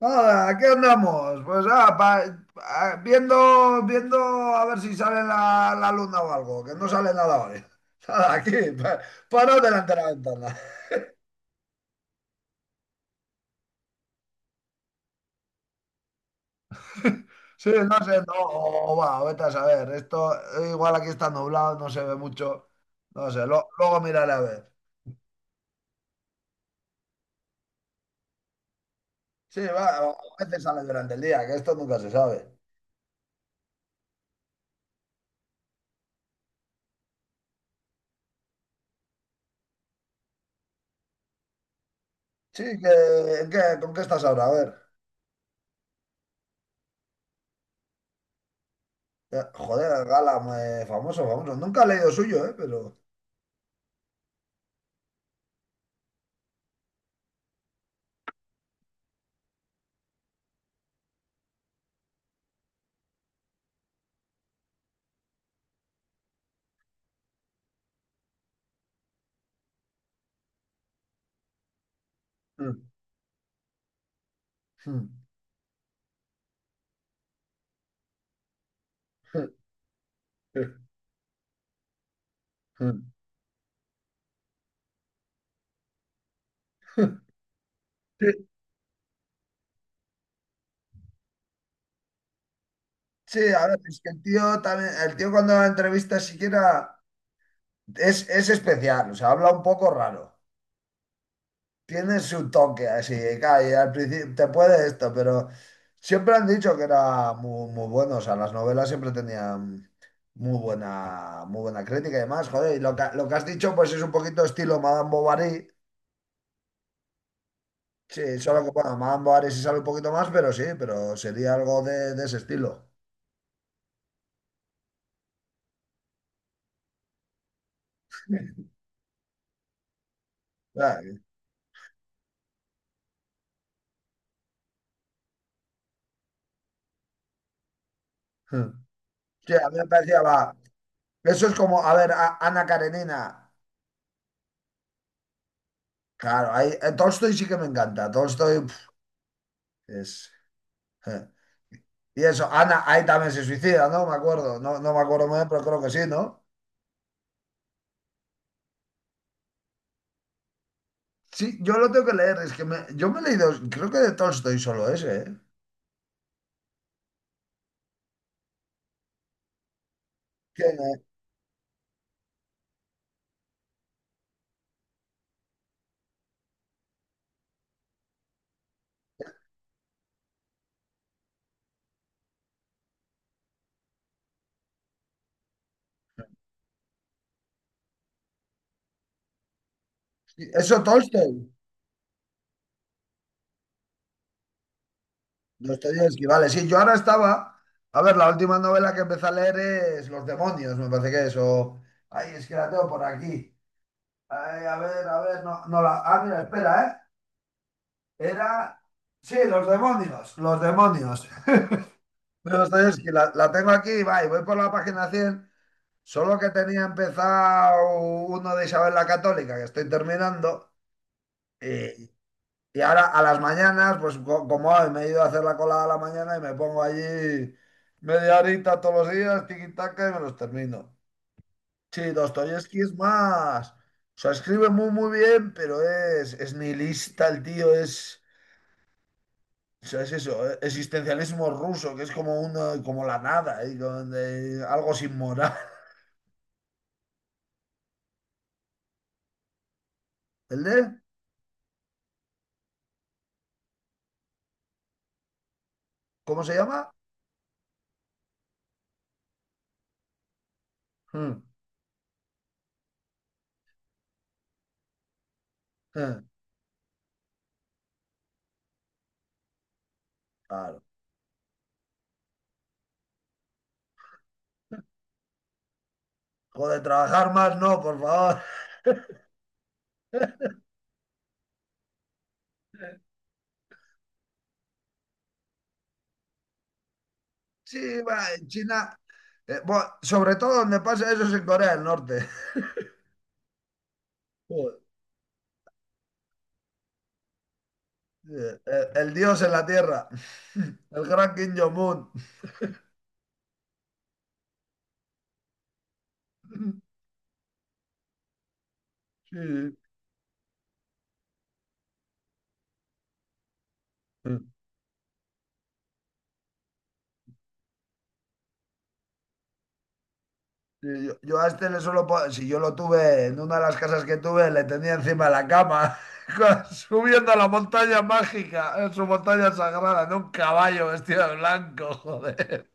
Nada, aquí andamos. Pues viendo, viendo a ver si sale la luna o algo, que no sale nada hoy. Nada, aquí, pa- parado delante de la ventana. Sí, no sé, no, vete a saber. Esto igual aquí está nublado, no se ve mucho. No sé, luego miraré a ver. Sí, va, a veces sale durante el día, que esto nunca se sabe. Sí, ¿con qué estás ahora? A ver. Joder, Gala, famoso, famoso. Nunca he leído suyo, ¿eh? Pero. Mm, mm. Sí, sí, a ver, es que el tío también, el tío cuando la entrevista siquiera es especial, o sea, habla un poco raro. Tiene su toque así, claro, y al principio te puede esto, pero siempre han dicho que era muy, muy bueno, o sea, las novelas siempre tenían muy buena crítica y demás, joder, y lo que has dicho pues es un poquito estilo Madame Bovary, sí, solo que bueno, Madame Bovary sí sale un poquito más, pero sí, pero sería algo de ese estilo. Claro. Sí, a mí me parecía, va, eso es como, a ver, Ana Karenina. Claro, ahí, Tolstoy sí que me encanta. Tolstoy pf, es. eh. Y eso, Ana, ahí también se suicida, ¿no? Me acuerdo. No, no me acuerdo muy bien, pero creo que sí, ¿no? Sí, yo lo tengo que leer. Es que yo me he leído, creo que de Tolstoy solo ese, ¿eh? ¿Quién es? Eso, Tolstoy. Dostoyevski, vale. Sí, yo ahora estaba. A ver, la última novela que empecé a leer es Los demonios, me parece que es. O. Ay, es que la tengo por aquí. Ay, a ver, no, no la. Ah, mira, espera, ¿eh? Era. Sí, los demonios, los demonios. Dostoyevsky, la tengo aquí, va, y voy por la página 100. Solo que tenía empezado uno de Isabel la Católica, que estoy terminando. Y, y ahora a las mañanas, pues como hoy me he ido a hacer la colada a la mañana y me pongo allí media horita todos los días, tiquitaca, y me los termino. Sí, Dostoyevsky es más. O sea, escribe muy, muy bien, pero es nihilista el tío, es. O sea, es eso, existencialismo ruso, que es como una, como la nada, y con, algo sin moral. ¿El de? ¿Cómo se llama? Hmm, eh, claro. Joder, trabajar más no, por favor. Sí, va, en China. Bueno, sobre todo donde pasa eso es en Corea del Norte. Joder, el dios en la tierra. El gran Kim Jong-un. Sí, sí. Sí, yo a este le solo si yo lo tuve en una de las casas que tuve, le tenía encima de la cama, subiendo a la montaña mágica, en su montaña sagrada, en un caballo vestido de blanco, joder.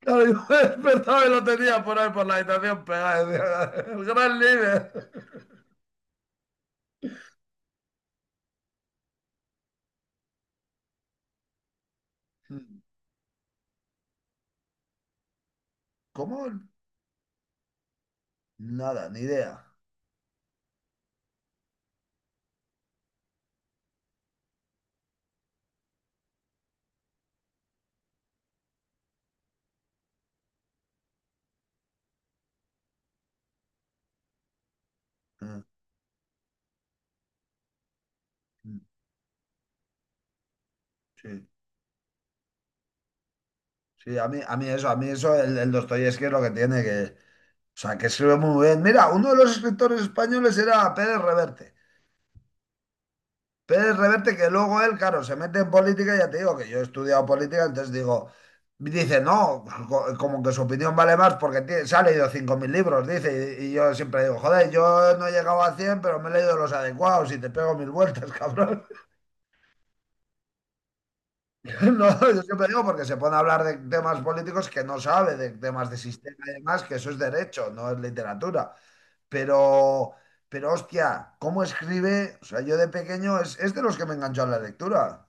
Claro, yo me despertaba y lo tenía por ahí por la habitación pegado. Decía, El gran líder. ¿Cómo? Nada, ni idea. Mm, mm. Sí, sí, a mí eso, el Dostoyevski es lo que tiene que. O sea, que sirve muy bien. Mira, uno de los escritores españoles era Pérez Reverte. Pérez Reverte, que luego él, claro, se mete en política, ya te digo que yo he estudiado política, entonces digo, dice, no, como que su opinión vale más porque se ha leído 5.000 libros, dice, y yo siempre digo, joder, yo no he llegado a 100 pero me he leído los adecuados y te pego mil vueltas, cabrón. No, yo siempre digo porque se pone a hablar de temas políticos que no sabe, de temas de sistema y demás, que eso es derecho, no es literatura. Pero, pero hostia, ¿cómo escribe? O sea, yo de pequeño es de los que me enganchó a la lectura.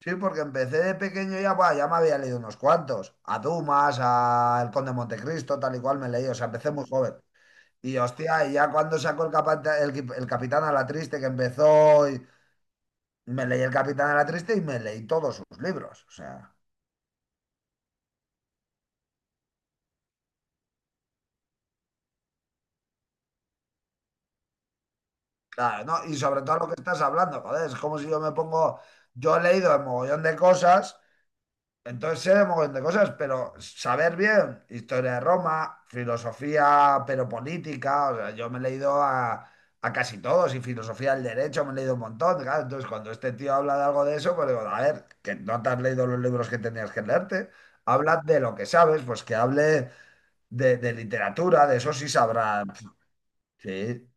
Sí, porque empecé de pequeño ya, buah, ya me había leído unos cuantos. A Dumas, a El Conde de Montecristo, tal y cual me leí. O sea, empecé muy joven. Y hostia, y ya cuando sacó el, capata- el, qui- el Capitán a la Triste, que empezó, y me leí el Capitán a la Triste y me leí todos sus libros. O sea, claro, ¿no? Y sobre todo lo que estás hablando, joder, es como si yo me pongo. Yo he leído un mogollón de cosas. Entonces sé de mogollón de cosas, pero saber bien historia de Roma, filosofía, pero política, o sea, yo me he leído a casi todos y filosofía del derecho me he leído un montón, claro, entonces cuando este tío habla de algo de eso, pues digo, a ver, que no te has leído los libros que tenías que leerte, habla de lo que sabes, pues que hable de literatura, de eso sí sabrá. Sí.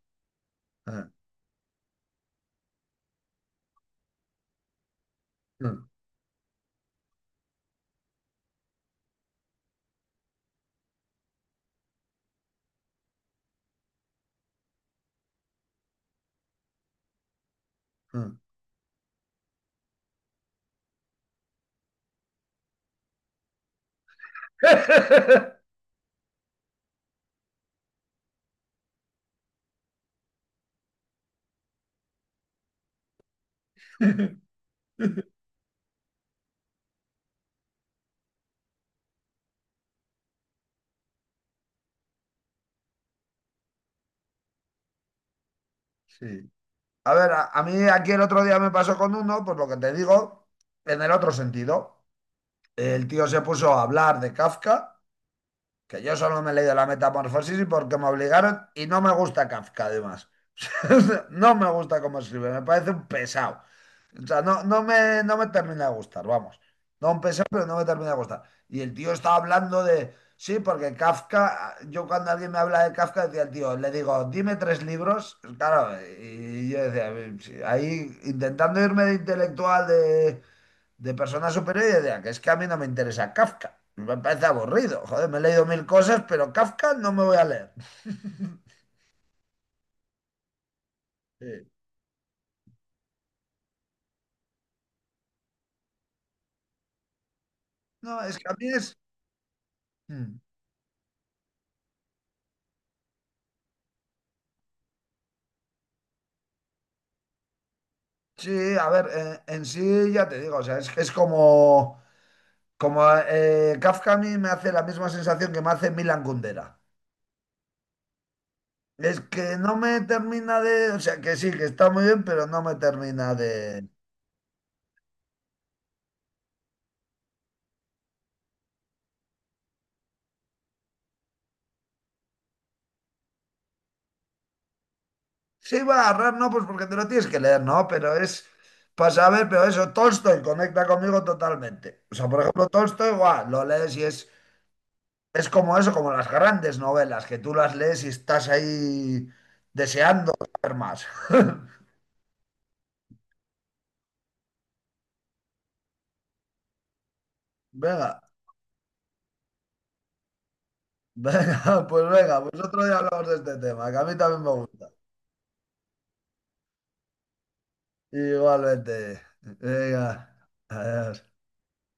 Sí. A ver, a mí aquí el otro día me pasó con uno, pues lo que te digo, en el otro sentido. El tío se puso a hablar de Kafka, que yo solo me he leído la metamorfosis y porque me obligaron y no me gusta Kafka además. No me gusta cómo escribe, me parece un pesado. O sea, no, no me termina de gustar, vamos. No un pesado, pero no me termina de gustar. Y el tío estaba hablando de, sí, porque Kafka, yo cuando alguien me habla de Kafka, decía el tío, le digo, dime tres libros, claro, y yo decía, "Sí, ahí intentando irme de intelectual de personas superiores y decía que es que a mí no me interesa Kafka. Me parece aburrido. Joder, me he leído mil cosas, pero Kafka no me voy a leer. Sí. No, es que a mí es... Mm. Sí, a ver, sí ya te digo, o sea, es que es como... Como Kafka a mí me hace la misma sensación que me hace Milan Kundera. Es que no me termina de... O sea, que sí, que está muy bien, pero no me termina de... Sí, va, a agarrar no, pues porque te lo tienes que leer, ¿no? Pero es para saber, pero eso, Tolstoy conecta conmigo totalmente. O sea, por ejemplo, Tolstoy, guau, lo lees y es como eso, como las grandes novelas, que tú las lees y estás ahí deseando saber más. Venga, venga, pues otro día hablamos de este tema, que a mí también me gusta. Igualmente. Venga, adiós.